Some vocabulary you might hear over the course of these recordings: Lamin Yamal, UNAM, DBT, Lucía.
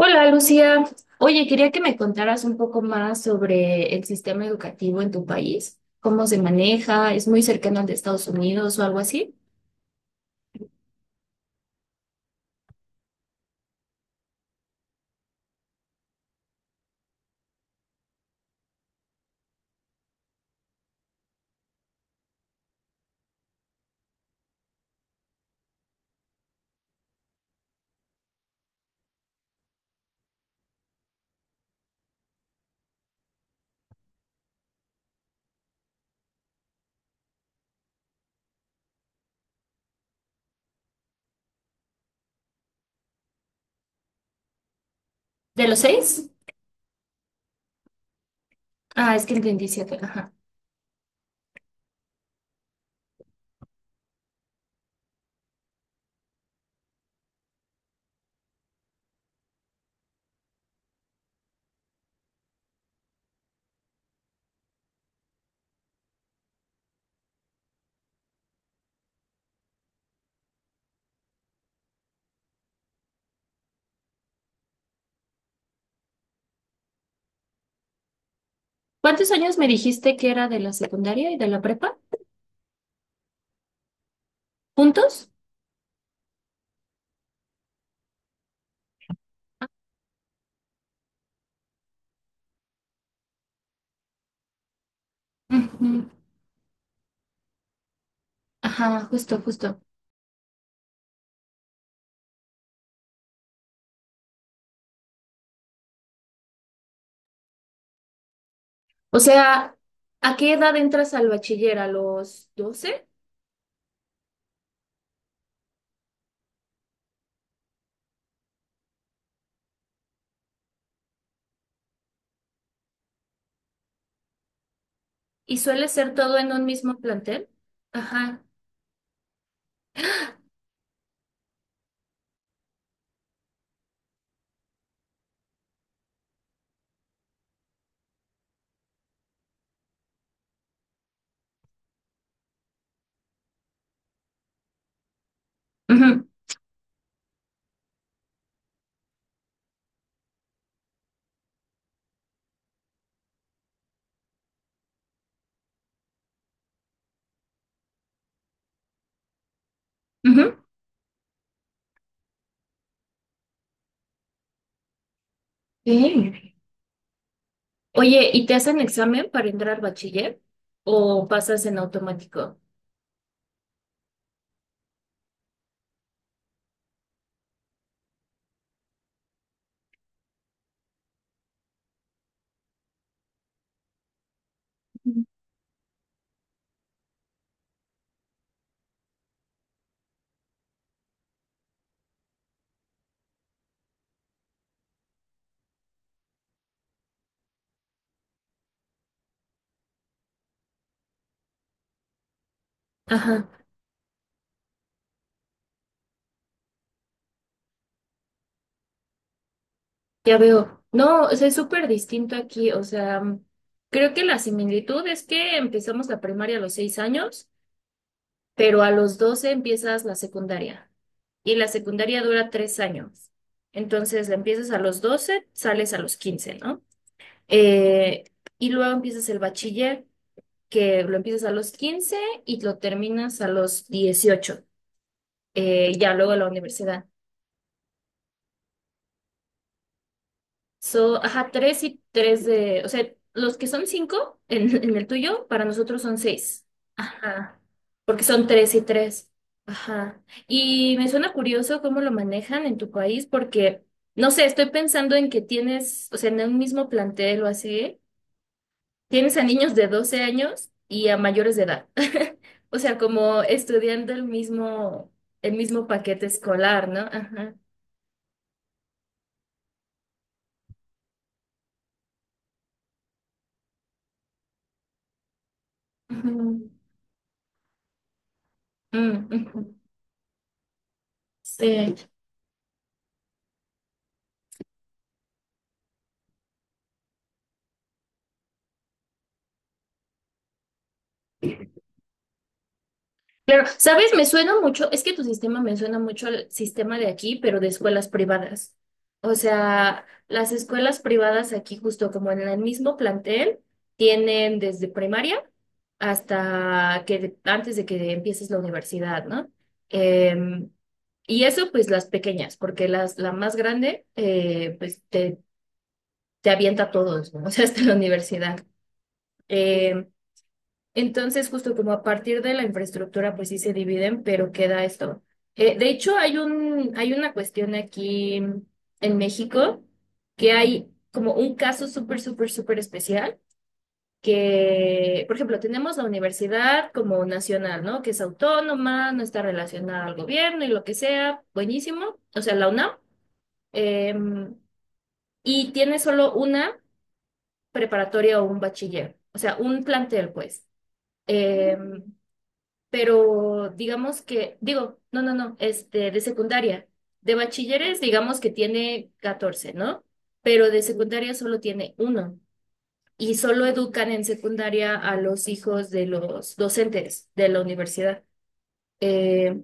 Hola Lucía, oye, quería que me contaras un poco más sobre el sistema educativo en tu país, cómo se maneja, ¿es muy cercano al de Estados Unidos o algo así? ¿De los seis? Ah, es que el 27, ajá. ¿Cuántos años me dijiste que era de la secundaria y de la prepa? ¿Juntos? Ujú. Ajá, justo, justo. O sea, ¿a qué edad entras al bachiller? ¿A los doce? ¿Y suele ser todo en un mismo plantel? Ajá. Ujú, ujú. Sí. Oye, ¿y te hacen examen para entrar bachiller? ¿O pasas en automático? Ujú. Ajá, ya veo. No, o sea, es súper distinto aquí. O sea, creo que la similitud es que empezamos la primaria a los 6 años, pero a los 12 empiezas la secundaria y la secundaria dura 3 años. Entonces la empiezas a los 12, sales a los 15, ¿no? Eh, y luego empiezas el bachiller, que lo empiezas a los 15 y lo terminas a los 18. Ya luego la universidad. So, ajá, tres y tres de, o sea, los que son cinco en el tuyo, para nosotros son seis. Ajá, porque son tres y tres. Ajá. Y me suena curioso cómo lo manejan en tu país, porque, no sé, estoy pensando en que tienes, o sea, en un mismo plantel o así, tienes a niños de 12 años y a mayores de edad. O sea, como estudiando el mismo paquete escolar, ¿no? Ajá. Ujú. Mm, ujú. Sí. Claro, ¿sabes? Me suena mucho, es que tu sistema me suena mucho al sistema de aquí, pero de escuelas privadas. O sea, las escuelas privadas aquí, justo como en el mismo plantel, tienen desde primaria hasta que de- antes de que empieces la universidad, ¿no? Em, y eso, pues las pequeñas, porque la más grande, pues te avienta a todos, ¿no? O sea, hasta la universidad. Em, entonces, justo como a partir de la infraestructura, pues sí se dividen, pero queda esto. De hecho, hay una cuestión aquí en México que hay como un caso súper, súper, súper especial que, por ejemplo, tenemos la universidad como nacional, ¿no? Que es autónoma, no está relacionada al gobierno y lo que sea, buenísimo, o sea, la UNAM. em, y tiene solo una preparatoria o un bachiller, o sea, un plantel, pues. Em, pero digamos que, digo, no, no, no, este, de secundaria. De bachilleres, digamos que tiene 14, ¿no? Pero de secundaria solo tiene uno. Y solo educan en secundaria a los hijos de los docentes de la universidad. Eh,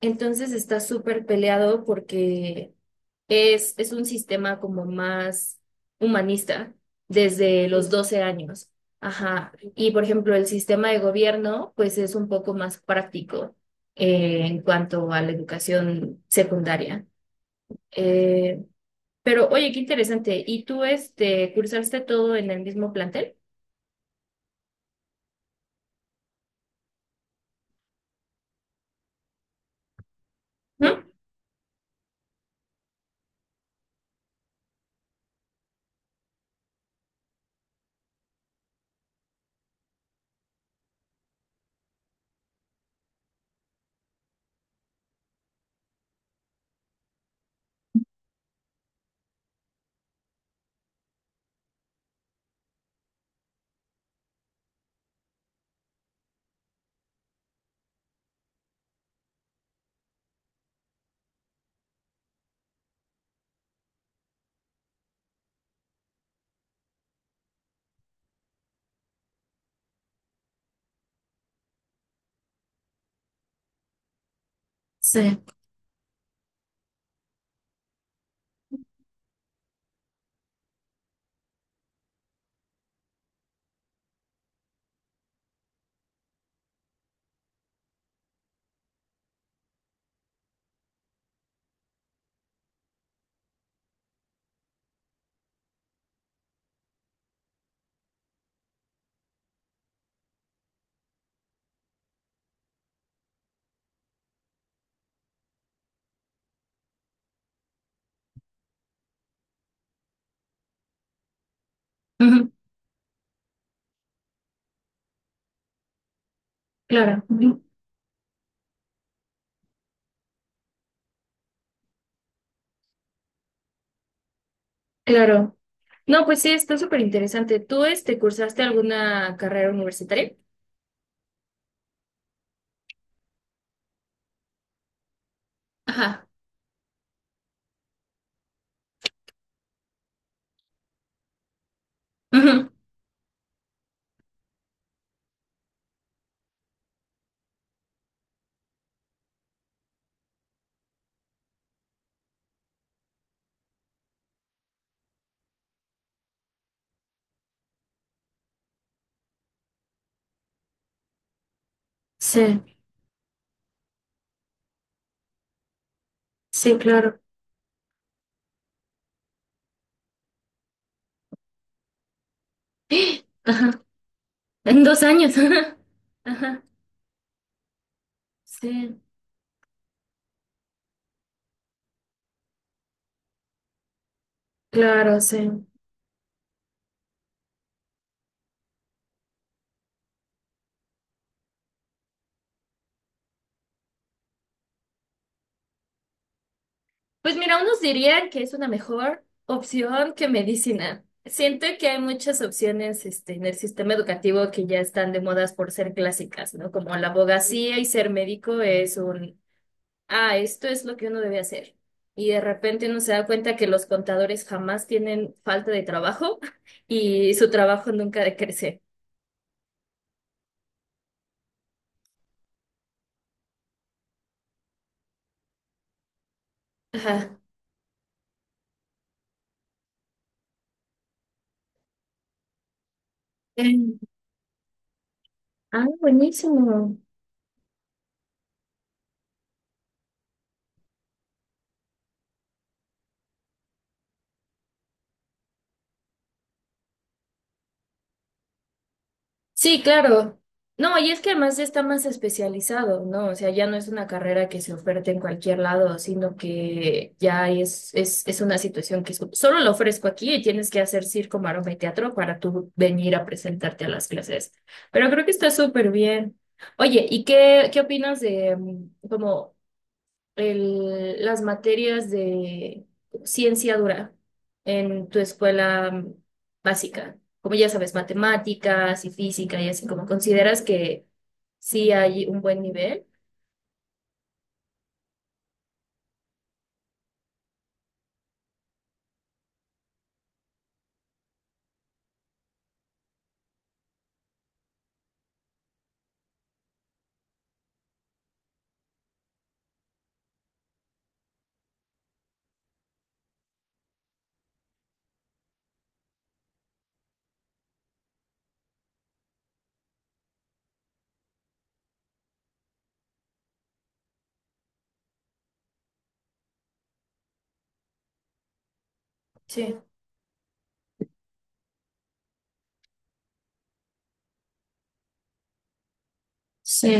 entonces está súper peleado porque es un sistema como más humanista desde los 12 años. Ajá. Y por ejemplo, el sistema de gobierno, pues es un poco más práctico en cuanto a la educación secundaria. Eh, pero oye, qué interesante. ¿Y tú este, cursaste todo en el mismo plantel? ¿Mm? Sí. Ujú. Claro, ujú, claro. No, pues sí, está súper interesante. ¿Tú este, cursaste alguna carrera universitaria? Ajá. Ujú. Sí, sí, claro. Ajá. En 2 años. Ajá. Sí, claro, sí. Pues mira, unos dirían que es una mejor opción que medicina. Siento que hay muchas opciones, este, en el sistema educativo que ya están de modas por ser clásicas, ¿no? Como la abogacía y ser médico es un, ah, esto es lo que uno debe hacer. Y de repente uno se da cuenta que los contadores jamás tienen falta de trabajo y su trabajo nunca decrece. Ajá. Mm. Ah, buenísimo. Sí, claro. No, y es que además está más especializado, ¿no? O sea, ya no es una carrera que se oferte en cualquier lado, sino que ya es una situación que solo lo ofrezco aquí y tienes que hacer circo, maroma y teatro para tú venir a presentarte a las clases. Pero creo que está súper bien. Oye, ¿y qué, qué opinas de como las materias de ciencia dura en tu escuela básica, como ya sabes, matemáticas y física y así, como consideras que sí hay un buen nivel? Sí. Sí,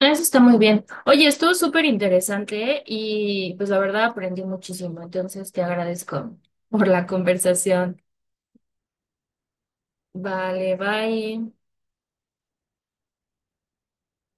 eso está muy bien. Oye, estuvo súper interesante y pues la verdad aprendí muchísimo, entonces te agradezco por la conversación. Vale, bye.